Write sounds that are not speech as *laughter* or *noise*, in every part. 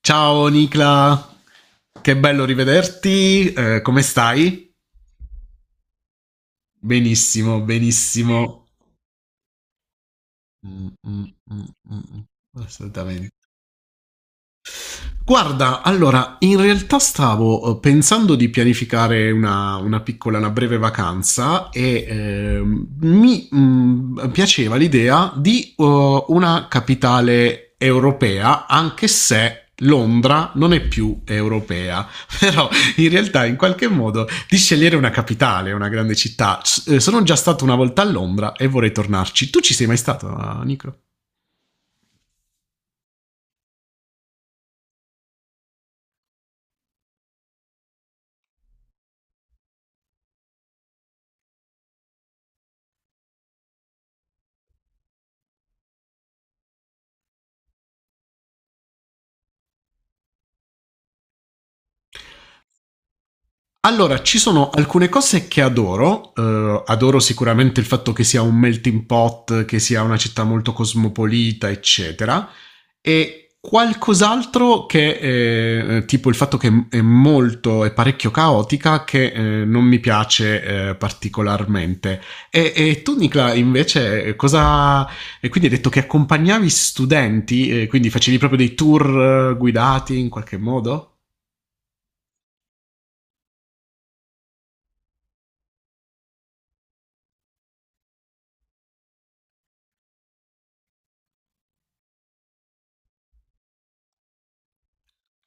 Ciao Nicla, che bello rivederti, come stai? Benissimo, benissimo. Mm, mm, mm, mm, mm, assolutamente. Guarda, allora, in realtà stavo pensando di pianificare una piccola, una breve vacanza e mi piaceva l'idea di una capitale europea, anche se Londra non è più europea, *laughs* però in realtà in qualche modo di scegliere una capitale, una grande città. Sono già stato una volta a Londra e vorrei tornarci. Tu ci sei mai stato, Nico? Allora, ci sono alcune cose che adoro. Adoro sicuramente il fatto che sia un melting pot, che sia una città molto cosmopolita, eccetera. E qualcos'altro che, tipo il fatto che è molto, è parecchio caotica, che non mi piace particolarmente. E tu, Nicla, invece, cosa... E quindi hai detto che accompagnavi studenti, quindi facevi proprio dei tour guidati in qualche modo?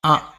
Ah,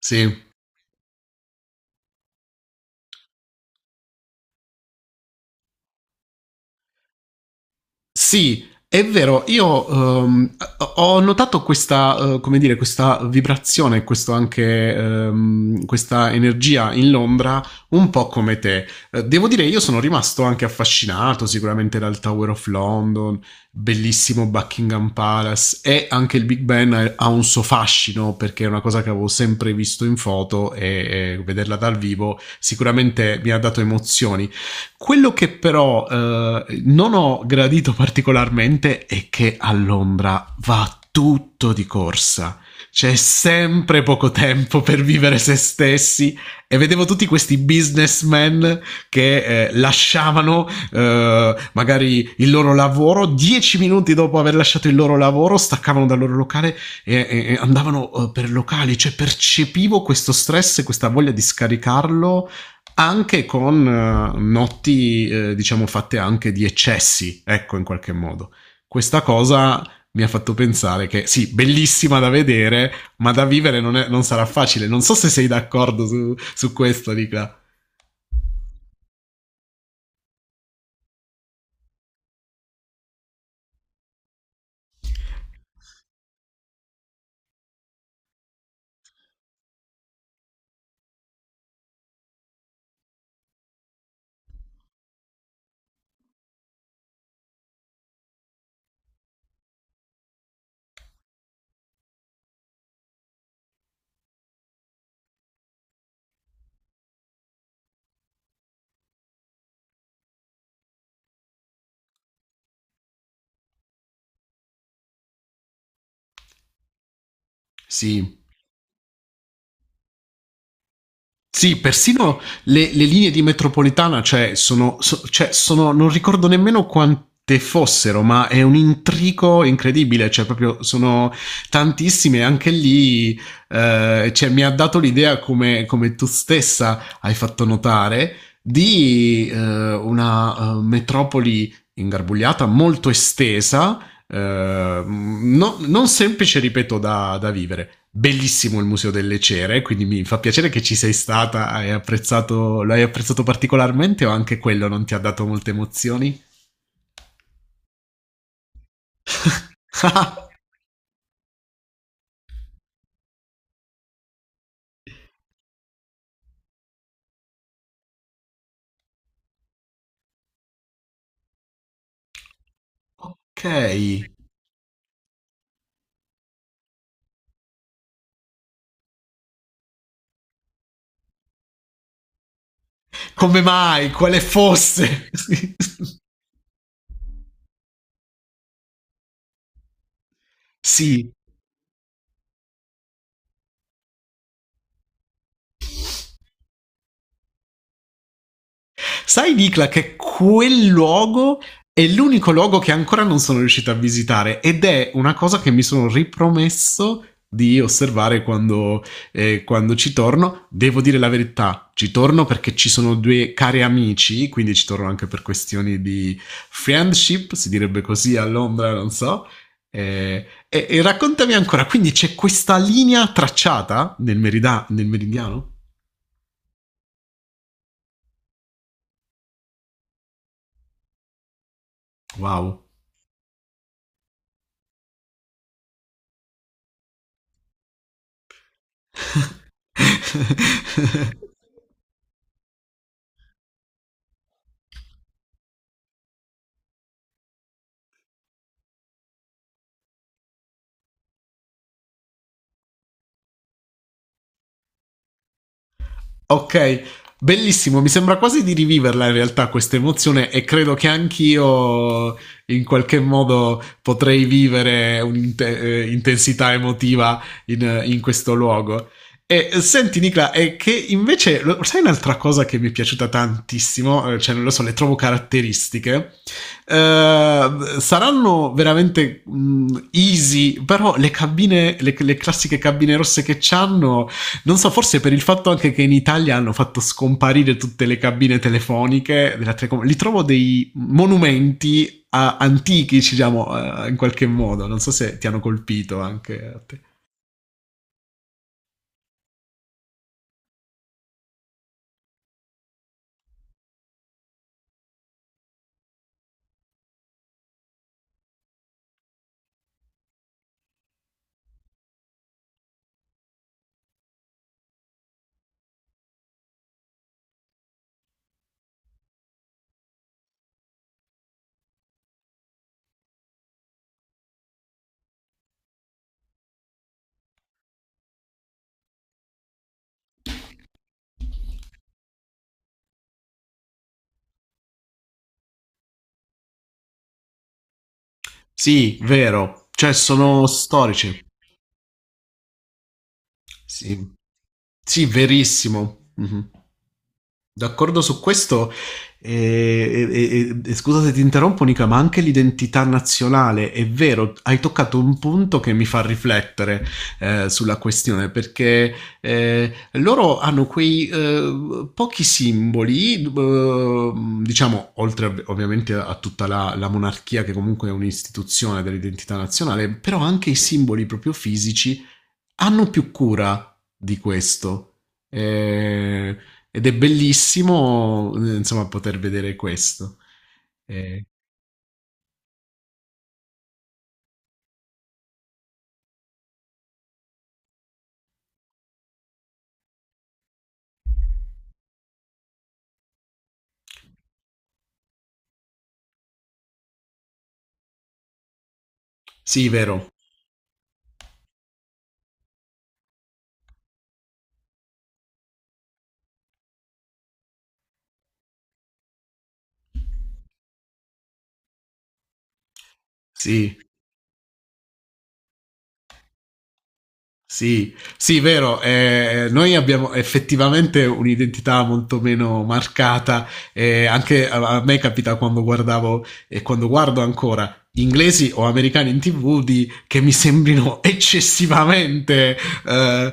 sì. Sì, è vero, io ehm, ho notato questa, come dire, questa vibrazione, questo anche, questa energia in Londra, un po' come te. Devo dire, io sono rimasto anche affascinato sicuramente dal Tower of London, bellissimo Buckingham Palace e anche il Big Ben ha un suo fascino perché è una cosa che avevo sempre visto in foto e vederla dal vivo sicuramente mi ha dato emozioni. Quello che però non ho gradito particolarmente è che a Londra va tutto di corsa. C'è sempre poco tempo per vivere se stessi e vedevo tutti questi businessmen che lasciavano magari il loro lavoro, 10 minuti dopo aver lasciato il loro lavoro staccavano dal loro locale e, e, e andavano per locali, cioè percepivo questo stress e questa voglia di scaricarlo anche con notti, diciamo, fatte anche di eccessi, ecco, in qualche modo. Questa cosa mi ha fatto pensare che sì, bellissima da vedere, ma da vivere non sarà facile. Non so se sei d'accordo su questo, Nicola. Sì, sì, persino le linee di metropolitana, cioè, sono, so- cioè, sono- non ricordo nemmeno quante fossero, ma è un intrico incredibile, cioè, proprio sono tantissime, anche lì, cioè, mi ha dato l'idea, come tu stessa hai fatto notare, di una metropoli ingarbugliata, molto estesa, non semplice, ripeto, da vivere. Bellissimo il Museo delle Cere, quindi mi fa piacere che ci sei stata, hai apprezzato, lo hai apprezzato particolarmente o anche quello non ti ha dato molte emozioni? *laughs* Ok, come mai? Quale fosse? *laughs* Sì, sai, Dicla, che quel luogo è l'unico luogo che ancora non sono riuscito a visitare ed è una cosa che mi sono ripromesso di osservare quando, quando ci torno. Devo dire la verità, ci torno perché ci sono due cari amici, quindi ci torno anche per questioni di friendship, si direbbe così a Londra, non so. E raccontami ancora, quindi c'è questa linea tracciata nel meridiano? Wow. *laughs* Ok, bellissimo, mi sembra quasi di riviverla in realtà questa emozione e credo che anch'io in qualche modo potrei vivere un'intensità emotiva in questo luogo. E senti Nicola, è che invece, sai un'altra cosa che mi è piaciuta tantissimo, eh, cioè non lo so, le trovo caratteristiche, eh, saranno veramente easy, però le cabine, le classiche cabine rosse che c'hanno non so, forse per il fatto anche che in Italia hanno fatto scomparire tutte le cabine telefoniche della Telecom, li trovo dei monumenti antichi, diciamo, in qualche modo. Non so se ti hanno colpito anche a te. Sì, vero. Cioè, sono storici. Sì. Sì, verissimo. Mhm. D'accordo su questo, e, e- e scusa se ti interrompo Nica, ma anche l'identità nazionale, è vero, hai toccato un punto che mi fa riflettere sulla questione, perché loro hanno quei pochi simboli, diciamo, oltre ovviamente a tutta la monarchia che comunque è un'istituzione dell'identità nazionale, però anche i simboli proprio fisici hanno più cura di questo. Eh, ed è bellissimo, insomma, poter vedere questo. Eh, sì, vero. Sì. Sì, sì, vero. Eh, noi abbiamo effettivamente un'identità molto meno marcata. Eh, anche a me capita quando guardavo e quando guardo ancora inglesi o americani in TV di, che mi sembrino *laughs* eccessivamente eh,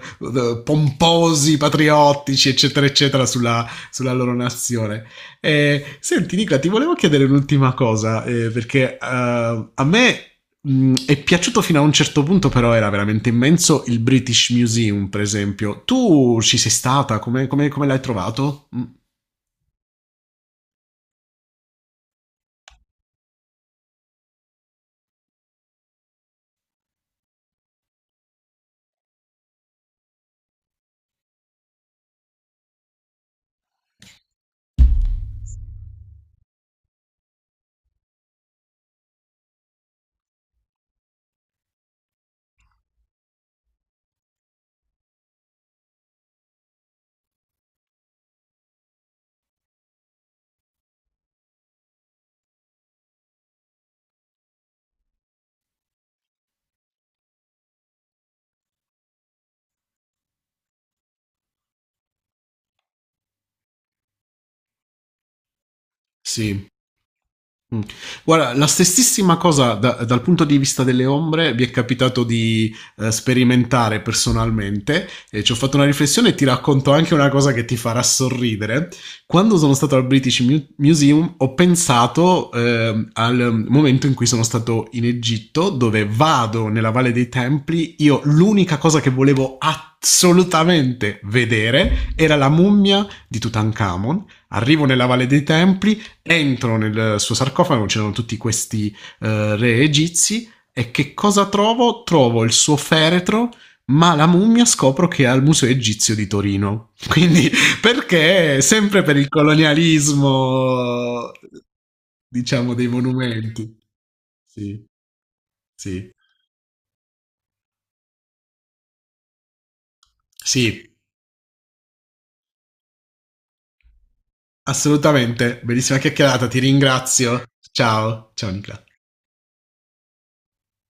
pomposi, patriottici, eccetera, eccetera, sulla loro nazione. Senti, Nicola, ti volevo chiedere un'ultima cosa, perché a me mm, è piaciuto fino a un certo punto, però era veramente immenso il British Museum, per esempio. Tu ci sei stata? Come l'hai trovato? Mm, sì. Mm. Guarda, la stessissima cosa dal punto di vista delle ombre vi è capitato di sperimentare personalmente e ci ho fatto una riflessione e ti racconto anche una cosa che ti farà sorridere. Quando sono stato al Museum ho pensato al momento in cui sono stato in Egitto dove vado nella Valle dei Templi, io l'unica cosa che volevo assolutamente vedere era la mummia di Tutankhamon. Arrivo nella Valle dei Templi, entro nel suo sarcofago, c'erano tutti questi re egizi e che cosa trovo? Trovo il suo feretro, ma la mummia scopro che è al Museo Egizio di Torino. *laughs* Quindi perché sempre per il colonialismo, diciamo, dei monumenti. Sì, sì, sì, assolutamente. Bellissima chiacchierata, ti ringrazio. Ciao, ciao Nicola.